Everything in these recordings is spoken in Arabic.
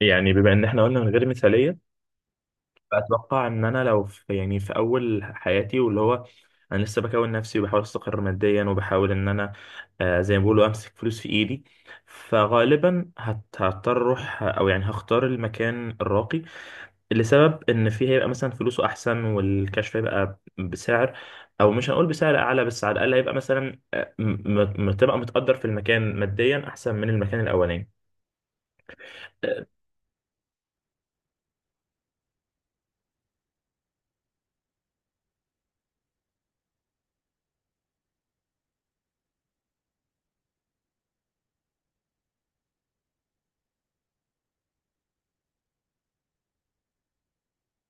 يعني بما ان احنا قلنا من غير مثاليه، فاتوقع ان انا لو في يعني في اول حياتي واللي هو انا لسه بكون نفسي، وبحاول استقر ماديا، وبحاول ان انا زي ما بيقولوا امسك فلوس في ايدي. فغالبا هضطر اروح، او يعني هختار المكان الراقي، لسبب ان فيه هيبقى مثلا فلوسه احسن، والكشف هيبقى بسعر، او مش هنقول بسعر اعلى، بس على الاقل هيبقى مثلا تبقى متقدر في المكان ماديا احسن من المكان الاولاني.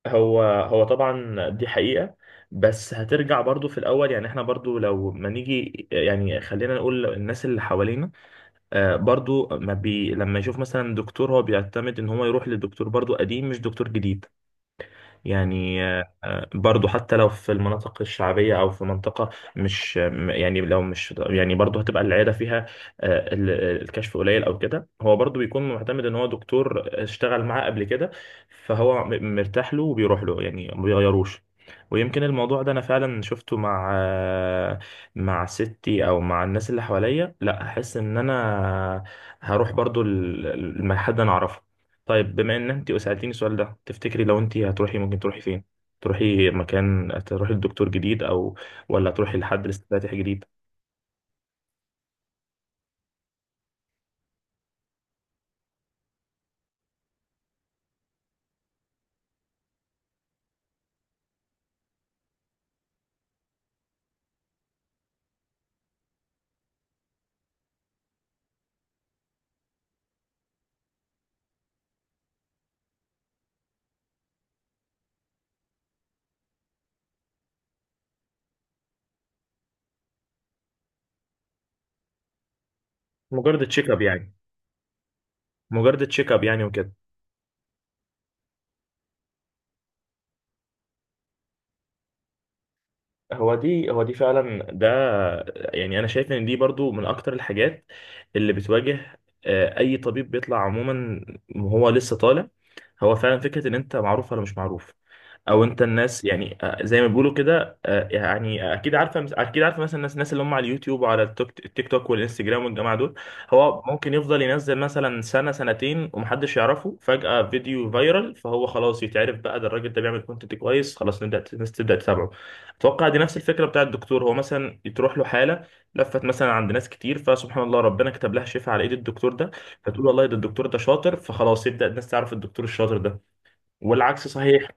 هو طبعا دي حقيقة. بس هترجع برضو في الأول، يعني احنا برضو لو ما نيجي، يعني خلينا نقول الناس اللي حوالينا برضو ما بي لما يشوف مثلا دكتور، هو بيعتمد ان هو يروح لدكتور برضو قديم مش دكتور جديد. يعني برضو حتى لو في المناطق الشعبية أو في منطقة مش يعني لو مش، يعني برضو هتبقى العيادة فيها آه، ال- الكشف قليل أو كده، هو برضو بيكون معتمد إن هو دكتور اشتغل معاه قبل كده، فهو مرتاح له وبيروح له، يعني ما بيغيروش. ويمكن الموضوع ده أنا فعلا شفته مع مع ستي أو مع الناس اللي حواليا، لا أحس إن أنا هروح برضو حد أنا أعرفه. طيب، بما ان انت سألتيني السؤال ده، تفتكري لو انت هتروحي ممكن تروحي فين؟ تروحي مكان، تروحي لدكتور جديد، ولا تروحي لحد لسه فاتح جديد؟ مجرد تشيك اب يعني. مجرد تشيك اب يعني وكده. هو دي فعلا ده، يعني انا شايف ان دي برضو من اكتر الحاجات اللي بتواجه اي طبيب بيطلع عموما وهو لسه طالع. هو فعلا فكرة ان انت معروف ولا مش معروف، او انت الناس، يعني زي ما بيقولوا كده، يعني اكيد عارفه اكيد عارفه مثلا الناس اللي هم على اليوتيوب وعلى التيك توك والانستجرام والجماعه دول. هو ممكن يفضل ينزل مثلا سنه سنتين ومحدش يعرفه، فجاه فيديو فايرال، فهو خلاص يتعرف بقى، ده الراجل ده بيعمل كونتنت كويس، خلاص نبدا الناس تبدا تتابعه. اتوقع دي نفس الفكره بتاع الدكتور. هو مثلا تروح له حاله لفت مثلا عند ناس كتير، فسبحان الله ربنا كتب لها شفاء على ايد الدكتور ده، فتقول والله ده الدكتور ده شاطر. فخلاص يبدا الناس تعرف الدكتور الشاطر ده، والعكس صحيح.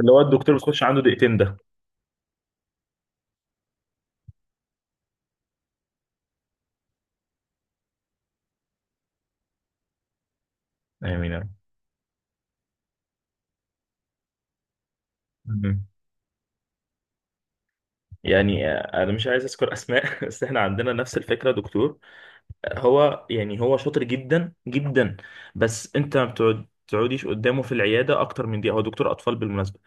اللي هو الدكتور بتخش عنده دقيقتين ده يعني. مم. يعني انا مش عايز اذكر اسماء بس احنا عندنا نفس الفكره. دكتور هو يعني هو شاطر جدا جدا، بس انت ما تقعديش قدامه في العياده اكتر من دقيقه. هو دكتور اطفال بالمناسبه.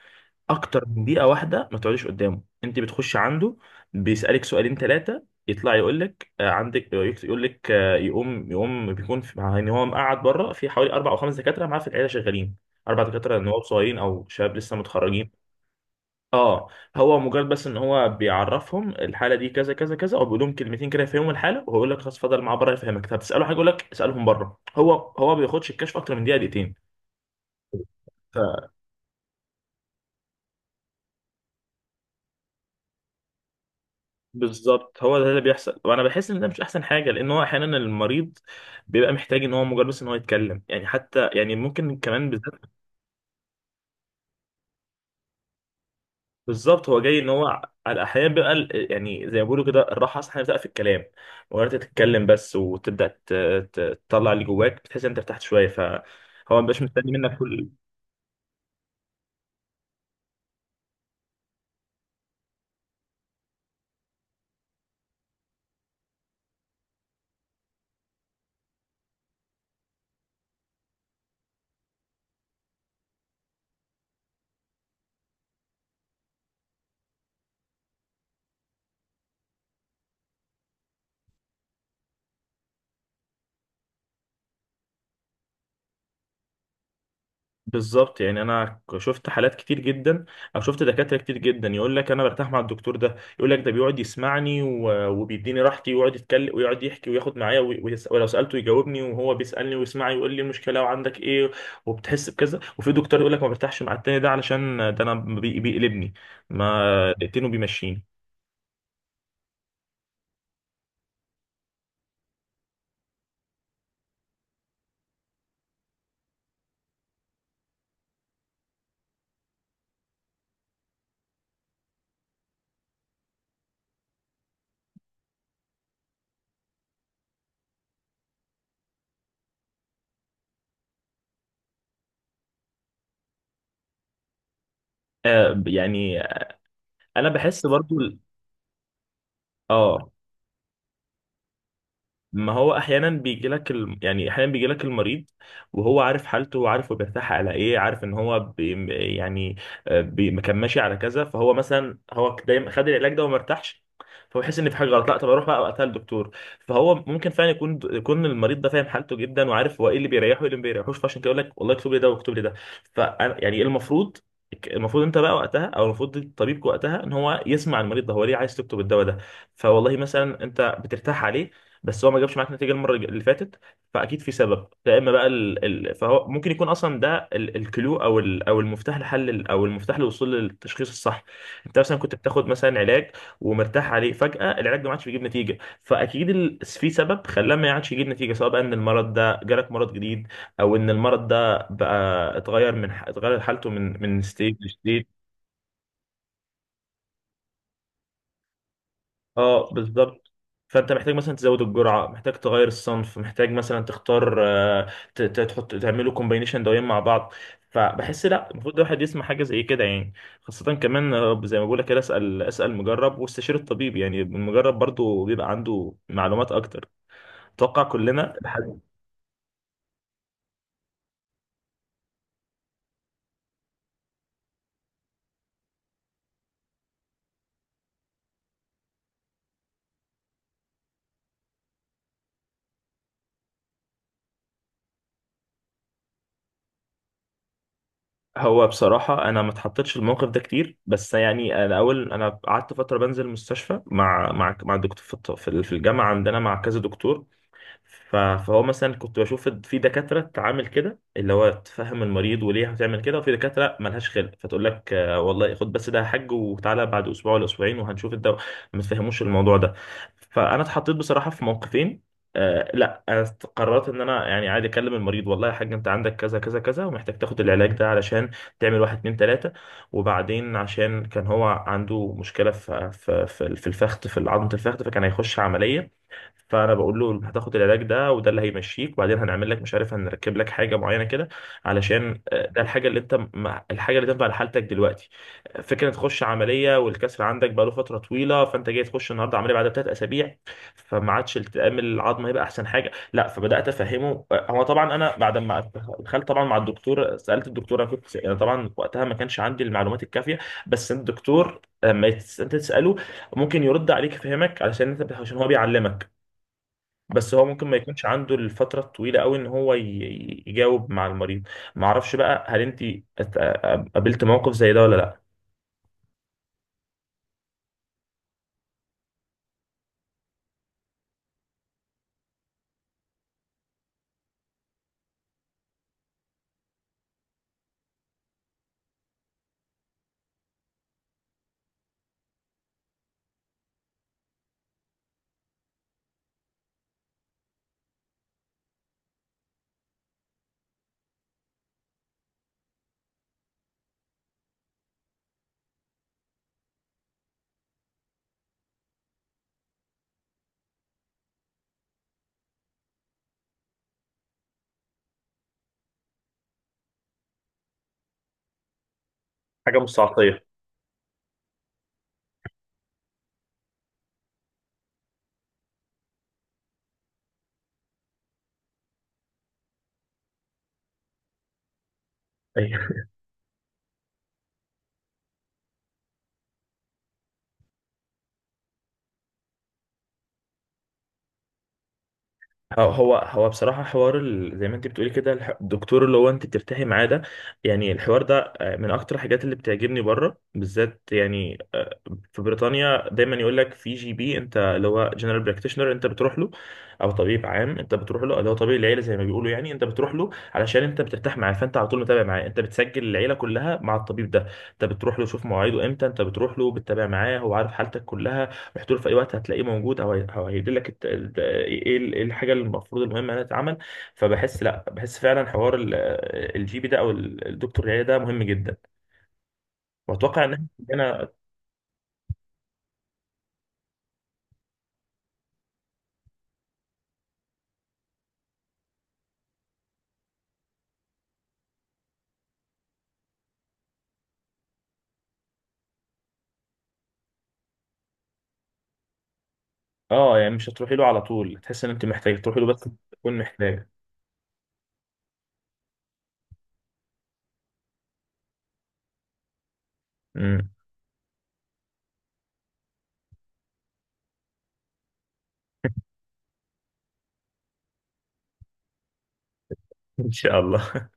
اكتر من دقيقه واحده ما تقعديش قدامه، انت بتخش عنده، بيسالك سؤالين ثلاثه، يطلع يقول لك عندك، يقول لك يقوم بيكون في، يعني هو مقعد بره، في حوالي اربع او خمس دكاتره معاه في العياده شغالين، اربع دكاتره نواب صغيرين او شباب لسه متخرجين. اه، هو مجرد بس ان هو بيعرفهم الحاله دي كذا كذا كذا، او بيقول لهم كلمتين كده يفهموا الحاله، وهو يقول لك خلاص اتفضل معاه بره يفهمك. طب تساله حاجه يقول لك اسالهم بره. هو ما بياخدش الكشف اكتر من دقيقه دقيقتين. ف- بالظبط، هو ده اللي بيحصل، وانا بحس ان ده مش احسن حاجه، لان هو احيانا المريض بيبقى محتاج ان هو مجرد بس ان هو يتكلم يعني، حتى يعني ممكن كمان. بالظبط، هو جاي ان هو على الاحيان بيبقى يعني زي ما بيقولوا كده، الراحه اصلا بتبقى في الكلام، وانت تتكلم بس وتبدا تطلع اللي جواك، بتحس ان انت ارتحت شويه، فهو ما بيبقاش مستني منك كل. بالظبط، يعني انا شفت حالات كتير جدا، او شفت دكاتره كتير جدا يقول لك: انا برتاح مع الدكتور ده. يقول لك: ده بيقعد يسمعني وبيديني راحتي، ويقعد يتكلم ويقعد يحكي وياخد معايا ولو سالته يجاوبني، وهو بيسالني ويسمعني ويقول لي المشكله وعندك ايه، وبتحس بكذا. وفي دكتور يقول لك: ما برتاحش مع التاني ده، علشان ده انا بيقلبني، ما دقتين وبيمشيني. يعني انا بحس برضو اه ما هو احيانا بيجي لك يعني احيانا بيجي لك المريض وهو عارف حالته وعارف هو بيرتاح على ايه، عارف ان هو يعني ما كان ماشي على كذا. فهو مثلا هو دايما خد العلاج ده وما ارتاحش، فهو يحس ان في حاجه غلط، لا طب اروح بقى وقتها للدكتور. فهو ممكن فعلا يكون المريض ده فاهم حالته جدا، وعارف هو ايه اللي بيريحه وايه اللي ما بيريحوش، فعشان كده يقول لك والله اكتب لي ده واكتب لي ده. فانا يعني المفروض، المفروض انت بقى وقتها، او المفروض الطبيب وقتها ان هو يسمع المريض ده هو ليه عايز تكتب الدواء ده. فوالله مثلا انت بترتاح عليه، بس هو ما جابش معاك نتيجه المره اللي فاتت. فاكيد في سبب، يا اما بقى فهو ممكن يكون اصلا ده الكلو، او او المفتاح لحل، او المفتاح للوصول للتشخيص الصح. انت مثلا كنت بتاخد مثلا علاج ومرتاح عليه، فجاه العلاج ده ما عادش بيجيب نتيجه، فاكيد في سبب خلاه ما عادش يجيب نتيجه، سواء بقى ان المرض ده جالك مرض جديد، او ان المرض ده بقى اتغير من اتغير حالته من ستيج لستيج. اه بالظبط. فانت محتاج مثلا تزود الجرعه، محتاج تغير الصنف، محتاج مثلا تختار، تحط، تعملوا كومبينيشن دوايين مع بعض. فبحس لا، المفروض الواحد يسمع حاجه زي كده يعني. خاصه كمان، زي ما بقول لك كده، اسال اسال مجرب واستشير الطبيب، يعني المجرب برضو بيبقى عنده معلومات اكتر. اتوقع كلنا هو بصراحه انا ما اتحطيتش في الموقف ده كتير، بس يعني انا اول انا قعدت فتره بنزل المستشفى مع الدكتور في في الجامعه عندنا مع كذا دكتور. فهو مثلا كنت بشوف في دكاترة تعامل كده، اللي هو تفهم المريض وليه هتعمل كده، وفي دكاترة ملهاش خلق فتقول لك والله خد بس ده، حج وتعالى بعد أسبوع ولا أسبوعين وهنشوف الدواء. ما تفهموش الموضوع ده. فأنا اتحطيت بصراحة في موقفين. لا، أنا قررت إن أنا يعني عادي أكلم المريض، والله يا حاج أنت عندك كذا كذا كذا ومحتاج تاخد العلاج ده علشان تعمل واحد اتنين تلاتة. وبعدين عشان كان هو عنده مشكلة في الفخذ، في عظمة الفخذ، فكان هيخش عملية. فانا بقول له انت هتاخد العلاج ده، وده اللي هيمشيك، وبعدين هنعمل لك مش عارف، هنركب لك حاجه معينه كده، علشان ده الحاجه اللي انت الحاجه اللي تنفع لحالتك دلوقتي. فكره تخش عمليه والكسر عندك بقاله فتره طويله، فانت جاي تخش النهارده عمليه بعد 3 اسابيع، فما عادش التئام العظم هيبقى احسن حاجه. لا، فبدات افهمه. هو طبعا انا بعد ما دخلت طبعا مع الدكتور، سالت الدكتور، انا كنت انا طبعا وقتها ما كانش عندي المعلومات الكافيه. بس الدكتور لما انت تساله ممكن يرد عليك يفهمك، علشان انت عشان هو بيعلمك. بس هو ممكن ما يكونش عنده الفترة الطويلة قوي ان هو يجاوب مع المريض. ما اعرفش بقى هل انت ات- قابلت موقف زي ده ولا لا. حاجة مش تعاطية. هو بصراحة حوار زي ما انت بتقولي كده، الدكتور اللي هو انت بترتاحي معاه ده، يعني الحوار ده من اكتر الحاجات اللي بتعجبني بره بالذات، يعني في بريطانيا دايما يقول لك في GP، انت اللي هو جنرال براكتيشنر، انت بتروح له، او طبيب عام انت بتروح له اللي هو طبيب العيله، زي ما بيقولوا يعني، انت بتروح له علشان انت بترتاح معاه، فانت على طول متابع معاه، انت بتسجل العيله كلها مع الطبيب ده. انت بتروح له شوف مواعيده امتى، انت بتروح له بتتابع معاه، هو عارف حالتك كلها. رحت له في اي وقت هتلاقيه موجود، او أو هيديلك ايه إيه الحاجه اللي المفروض، المهمه انها تتعمل. فبحس لا، بحس فعلا حوار الـGP ده، او الدكتور العياده ده مهم جدا. واتوقع ان انا، اه يعني مش هتروحي له على طول، تحس ان انت محتاجه تروحي له بس تكون محتاجه. امم ان شاء الله.